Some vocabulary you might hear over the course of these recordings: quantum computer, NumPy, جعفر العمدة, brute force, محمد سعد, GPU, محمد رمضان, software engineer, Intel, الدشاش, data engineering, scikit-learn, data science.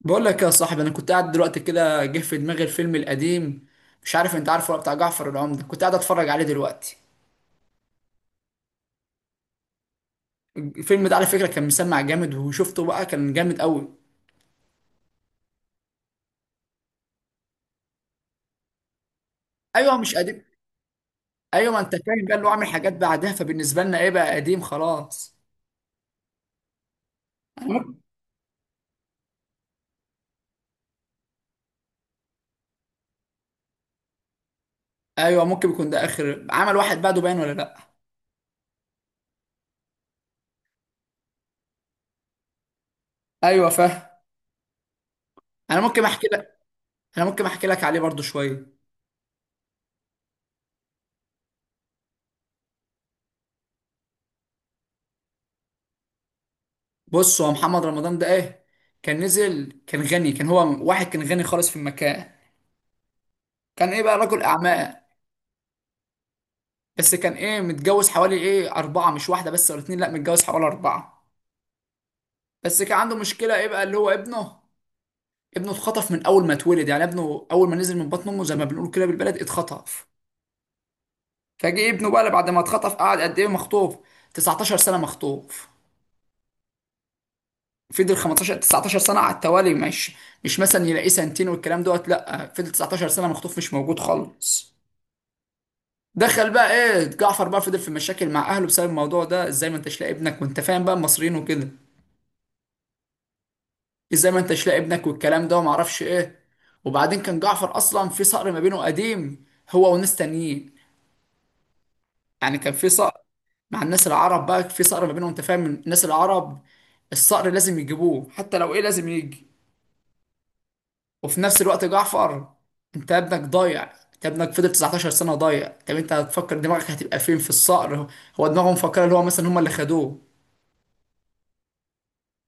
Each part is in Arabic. بقول لك يا صاحبي انا كنت قاعد دلوقتي كده جه في دماغي الفيلم القديم. مش عارف انت عارفه ولا بتاع جعفر العمدة، كنت قاعد اتفرج عليه دلوقتي. الفيلم ده على فكره كان مسمع جامد، وشفته بقى كان جامد قوي. ايوه مش قديم. ايوه، ما انت فاهم بقى اللي هو عامل حاجات بعدها، فبالنسبه لنا ايه بقى قديم خلاص. أنا ممكن... ايوه ممكن يكون ده اخر عمل، واحد بعده باين ولا لا. ايوه فاهم. انا ممكن احكي لك انا ممكن احكي لك عليه برضو شويه. بص، هو محمد رمضان ده ايه، كان نزل، كان غني، كان هو واحد كان غني خالص في المكان. كان ايه بقى رجل اعمال. بس كان ايه متجوز حوالي ايه اربعه، مش واحده بس ولا اتنين، لا متجوز حوالي اربعه. بس كان عنده مشكله ايه بقى اللي هو ابنه. ابنه اتخطف من اول ما اتولد، يعني ابنه اول ما نزل من بطن امه زي ما بنقول كده بالبلد اتخطف. فجه ابنه بقى بعد ما اتخطف، قعد قد ايه مخطوف؟ 19 سنه مخطوف. فضل 15 19 سنه على التوالي، مش مثلا يلاقيه سنتين والكلام دوت، لا فضل 19 سنه مخطوف، مش موجود خالص. دخل بقى ايه جعفر، بقى فضل في مشاكل مع اهله بسبب الموضوع ده، ازاي ما انتش لاقي ابنك؟ وانت فاهم بقى المصريين وكده. ازاي ما انتش لاقي ابنك والكلام ده وما اعرفش ايه. وبعدين كان جعفر اصلا في صقر ما بينه قديم، هو وناس تانيين. يعني كان في صقر مع الناس العرب، بقى في صقر ما بينهم، انت فاهم الناس العرب الصقر لازم يجيبوه، حتى لو ايه لازم يجي. وفي نفس الوقت جعفر، انت ابنك ضايع، انت ابنك فضل 19 سنة ضايع، طب انت هتفكر دماغك هتبقى فين في الصقر؟ هو دماغهم مفكرة اللي هو مثلا هم اللي خدوه.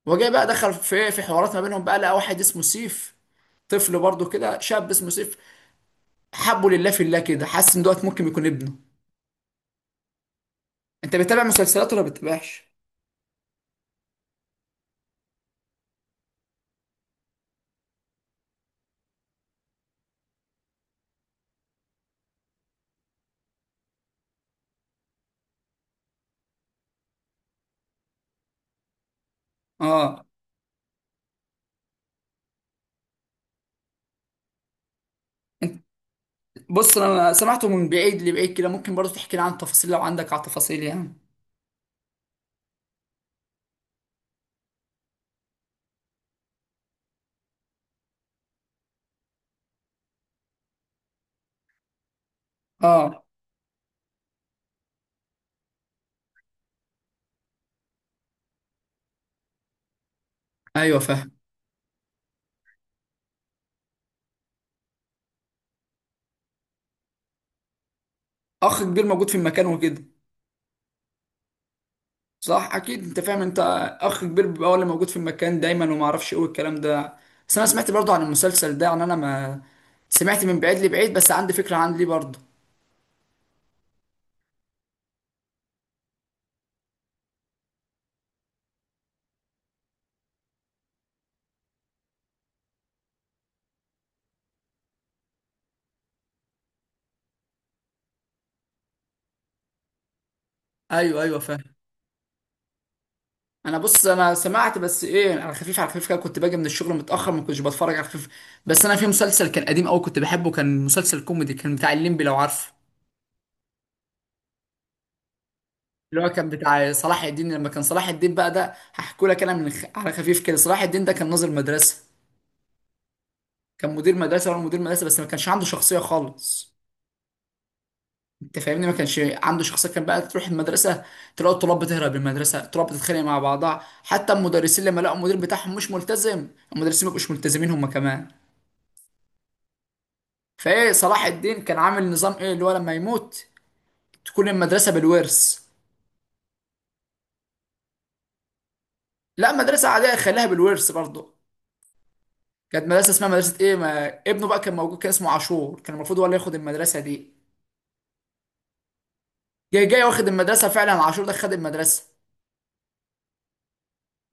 وجاي بقى دخل في ايه، في حوارات ما بينهم بقى لقى واحد اسمه سيف، طفل برضه كده شاب اسمه سيف. حبه لله في الله كده، حاسس ان دوت ممكن يكون ابنه. انت بتتابع مسلسلات ولا بتتابعش؟ اه. انت بص، انا سمعته من بعيد لبعيد كده، ممكن برضه تحكي لي عن تفاصيل لو عندك على تفاصيل يعني. اه. ايوه فاهم. اخ كبير موجود في المكان وكده. صح اكيد انت فاهم انت، اخ كبير بيبقى هو اللي موجود في المكان دايما، وما اعرفش ايه والكلام ده. بس انا سمعت برضه عن المسلسل ده، يعني انا ما سمعت من بعيد لبعيد، بس عندي فكره عن ليه برضه. ايوه ايوه فاهم. انا بص، انا سمعت، بس ايه على خفيف على خفيف كده، كنت باجي من الشغل متاخر ما كنتش بتفرج، على خفيف. بس انا في مسلسل كان قديم قوي كنت بحبه، كان مسلسل كوميدي، كان بتاع الليمبي لو عارفه. اللي هو كان بتاع صلاح الدين، لما كان صلاح الدين بقى ده هحكوا لك انا على خفيف كده. صلاح الدين ده كان ناظر مدرسه، كان مدير مدرسه ولا مدير مدرسه، بس ما كانش عنده شخصيه خالص. انت فاهمني، ما كانش عنده شخصيه، كان بقى تروح المدرسه تلاقي الطلاب بتهرب من المدرسه، الطلاب بتتخانق مع بعضها، حتى المدرسين لما لقوا المدير بتاعهم مش ملتزم، المدرسين ما بقوش ملتزمين هم كمان. فايه صلاح الدين كان عامل نظام ايه اللي هو لما يموت تكون المدرسه بالورث. لا مدرسه عاديه، خليها بالورث برضه. كانت مدرسه اسمها مدرسه ايه، ما ابنه بقى كان موجود كان اسمه عاشور، كان المفروض هو اللي ياخد المدرسه دي. جاي جاي واخد المدرسه فعلا، عاشور ده خد المدرسه.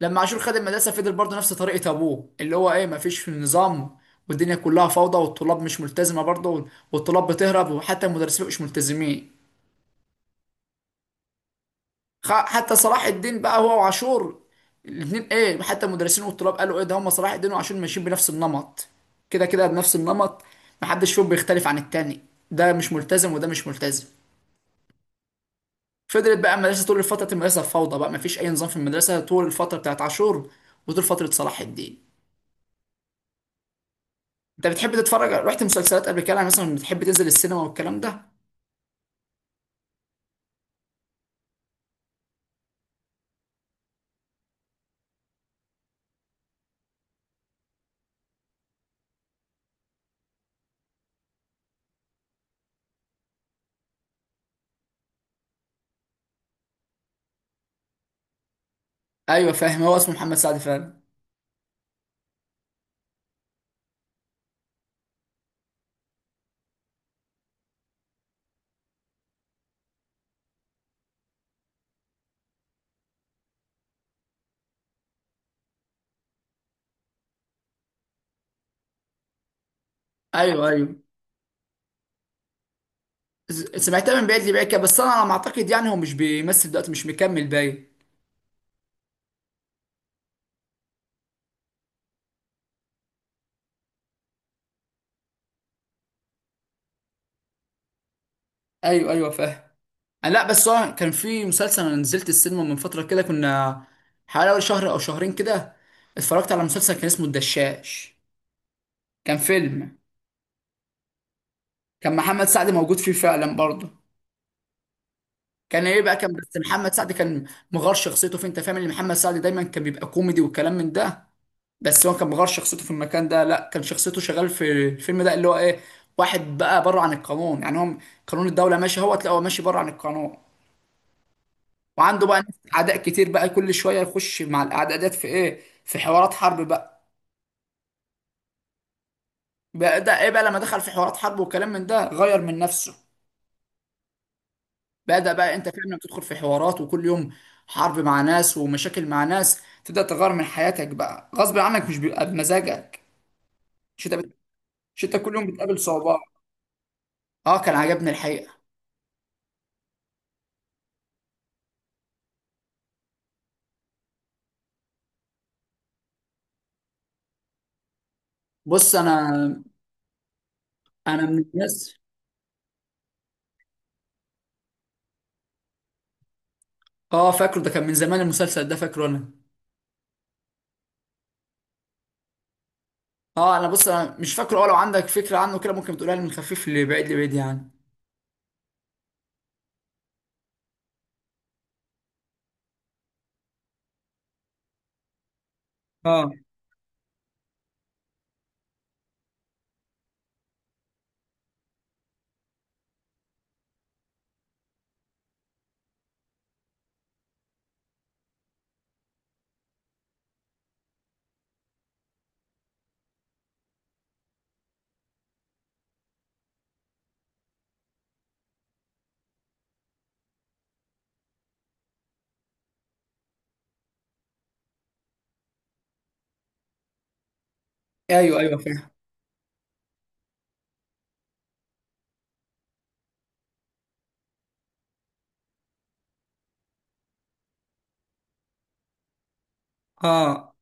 لما عاشور خد المدرسه فضل برضه نفس طريقه ابوه، اللي هو ايه ما فيش في النظام، والدنيا كلها فوضى، والطلاب مش ملتزمه برضه، والطلاب بتهرب، وحتى المدرسين مش ملتزمين. حتى صلاح الدين بقى هو وعاشور، الاثنين ايه، حتى المدرسين والطلاب قالوا ايه ده، هم صلاح الدين وعاشور ماشيين بنفس النمط، كده كده بنفس النمط، محدش فيهم بيختلف عن التاني، ده مش ملتزم وده مش ملتزم. فضلت بقى المدرسه طول فتره المدرسه فوضى بقى، مفيش اي نظام في المدرسه طول الفتره بتاعت عاشور، وطول فتره صلاح الدين. انت بتحب تتفرج؟ رحت مسلسلات قبل كده يعني؟ مثلا بتحب تنزل السينما والكلام ده؟ ايوه فاهم، هو اسمه محمد سعد فعلا. ايوه ايوه. سمعتها من بعيد لبعيد كده، بس انا على ما اعتقد يعني هو مش بيمثل دلوقتي، مش مكمل باين. ايوه ايوه فاهم. لا بس هو كان في مسلسل، انا نزلت السينما من فتره كده، كنا حوالي أول شهر او شهرين كده اتفرجت على مسلسل كان اسمه الدشاش. كان فيلم، كان محمد سعد موجود فيه فعلا برضه. كان ايه بقى كان، بس محمد سعد كان مغار شخصيته فيه، انت فاهم ان محمد سعد دايما كان بيبقى كوميدي وكلام من ده، بس هو كان مغار شخصيته في المكان ده، لا كان شخصيته شغال في الفيلم ده اللي هو ايه، واحد بقى بره عن القانون، يعني هو قانون الدوله ماشي، هو تلاقيه هو ماشي بره عن القانون. وعنده بقى ناس اعداء كتير بقى، كل شويه يخش مع الاعداء ديت في ايه، في حوارات حرب بقى. بدا ايه بقى لما دخل في حوارات حرب والكلام من ده، غير من نفسه. بدا بقى انت فاهم، لما تدخل في حوارات وكل يوم حرب مع ناس ومشاكل مع ناس تبدا تغير من حياتك بقى غصب عنك، مش بيبقى بمزاجك. مش انت بت... مش انت كل يوم بتقابل صعوبات؟ اه كان عجبني الحقيقه. بص انا من الناس. اه فاكره، ده كان من زمان المسلسل ده، فاكره انا. اه انا بص، انا مش فاكره، اه لو عندك فكره عنه كده ممكن تقولها لي، من خفيف لبعيد لبعيد يعني. اه. ايوه ايوه فاهم. اه.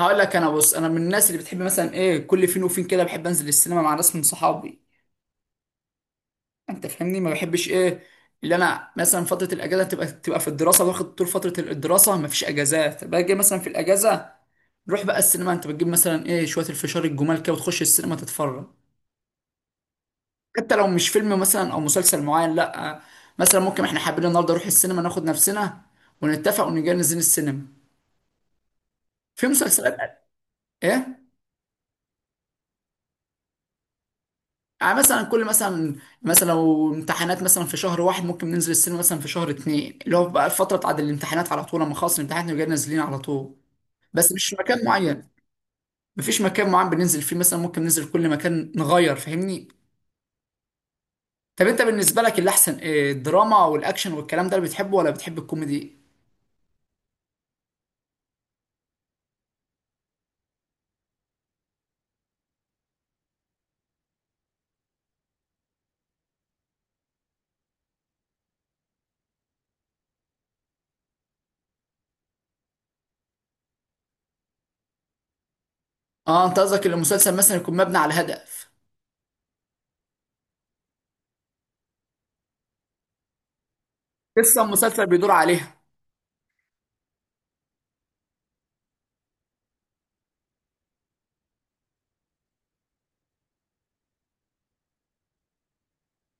هقول لك انا، بص انا من الناس اللي بتحب مثلا ايه كل فين وفين كده، بحب انزل السينما مع ناس من صحابي. انت فاهمني، ما بحبش ايه اللي انا مثلا فتره الاجازه تبقى في الدراسه، واخد طول فتره الدراسه ما فيش اجازات، باجي مثلا في الاجازه نروح بقى السينما، انت بتجيب مثلا ايه شويه الفشار الجمال كده وتخش السينما تتفرج. حتى لو مش فيلم مثلا او مسلسل معين، لا، مثلا ممكن احنا حابين النهارده نروح السينما، ناخد نفسنا ونتفق ونجي ننزل السينما. في مسلسلات. ايه. يعني مثلا كل مثلا، مثلا لو امتحانات مثلا في شهر واحد، ممكن ننزل السينما مثلا في شهر اتنين اللي هو بقى الفترة بتاعت الامتحانات، على طول لما خلص الامتحانات نبقى نازلين على طول. بس مش مكان معين، مفيش مكان معين بننزل فيه، مثلا ممكن ننزل كل مكان نغير، فاهمني. طب انت بالنسبة لك اللي احسن ايه، الدراما والاكشن والكلام ده اللي بتحبه ولا بتحب الكوميدي؟ اه انت قصدك ان المسلسل مثلا يكون مبني على هدف، قصة المسلسل بيدور عليها.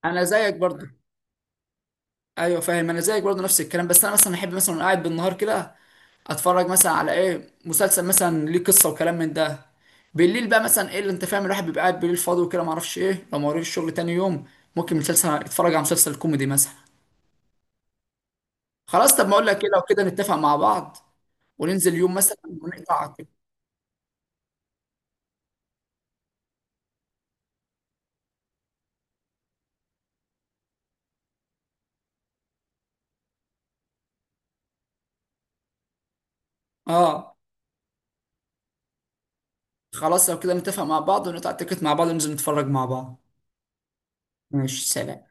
انا زيك برضه. ايوه فاهم، انا زيك برضه نفس الكلام، بس انا مثلا احب مثلا وأنا قاعد بالنهار كده اتفرج مثلا على ايه مسلسل مثلا ليه قصه وكلام من ده. بالليل بقى مثلا ايه اللي انت فاهم الواحد بيبقى قاعد بالليل فاضي وكده، معرفش ايه، لو ما وريش الشغل تاني يوم ممكن مسلسل، يتفرج على مسلسل كوميدي مثلا. خلاص، طب ما اقول لك كده، لو كده نتفق مع بعض وننزل يوم مثلا ونقطع التيكت. اه. خلاص لو كده نتفق مع بعض ونقطع التيكت مع بعض وننزل نتفرج مع بعض. ماشي سلام.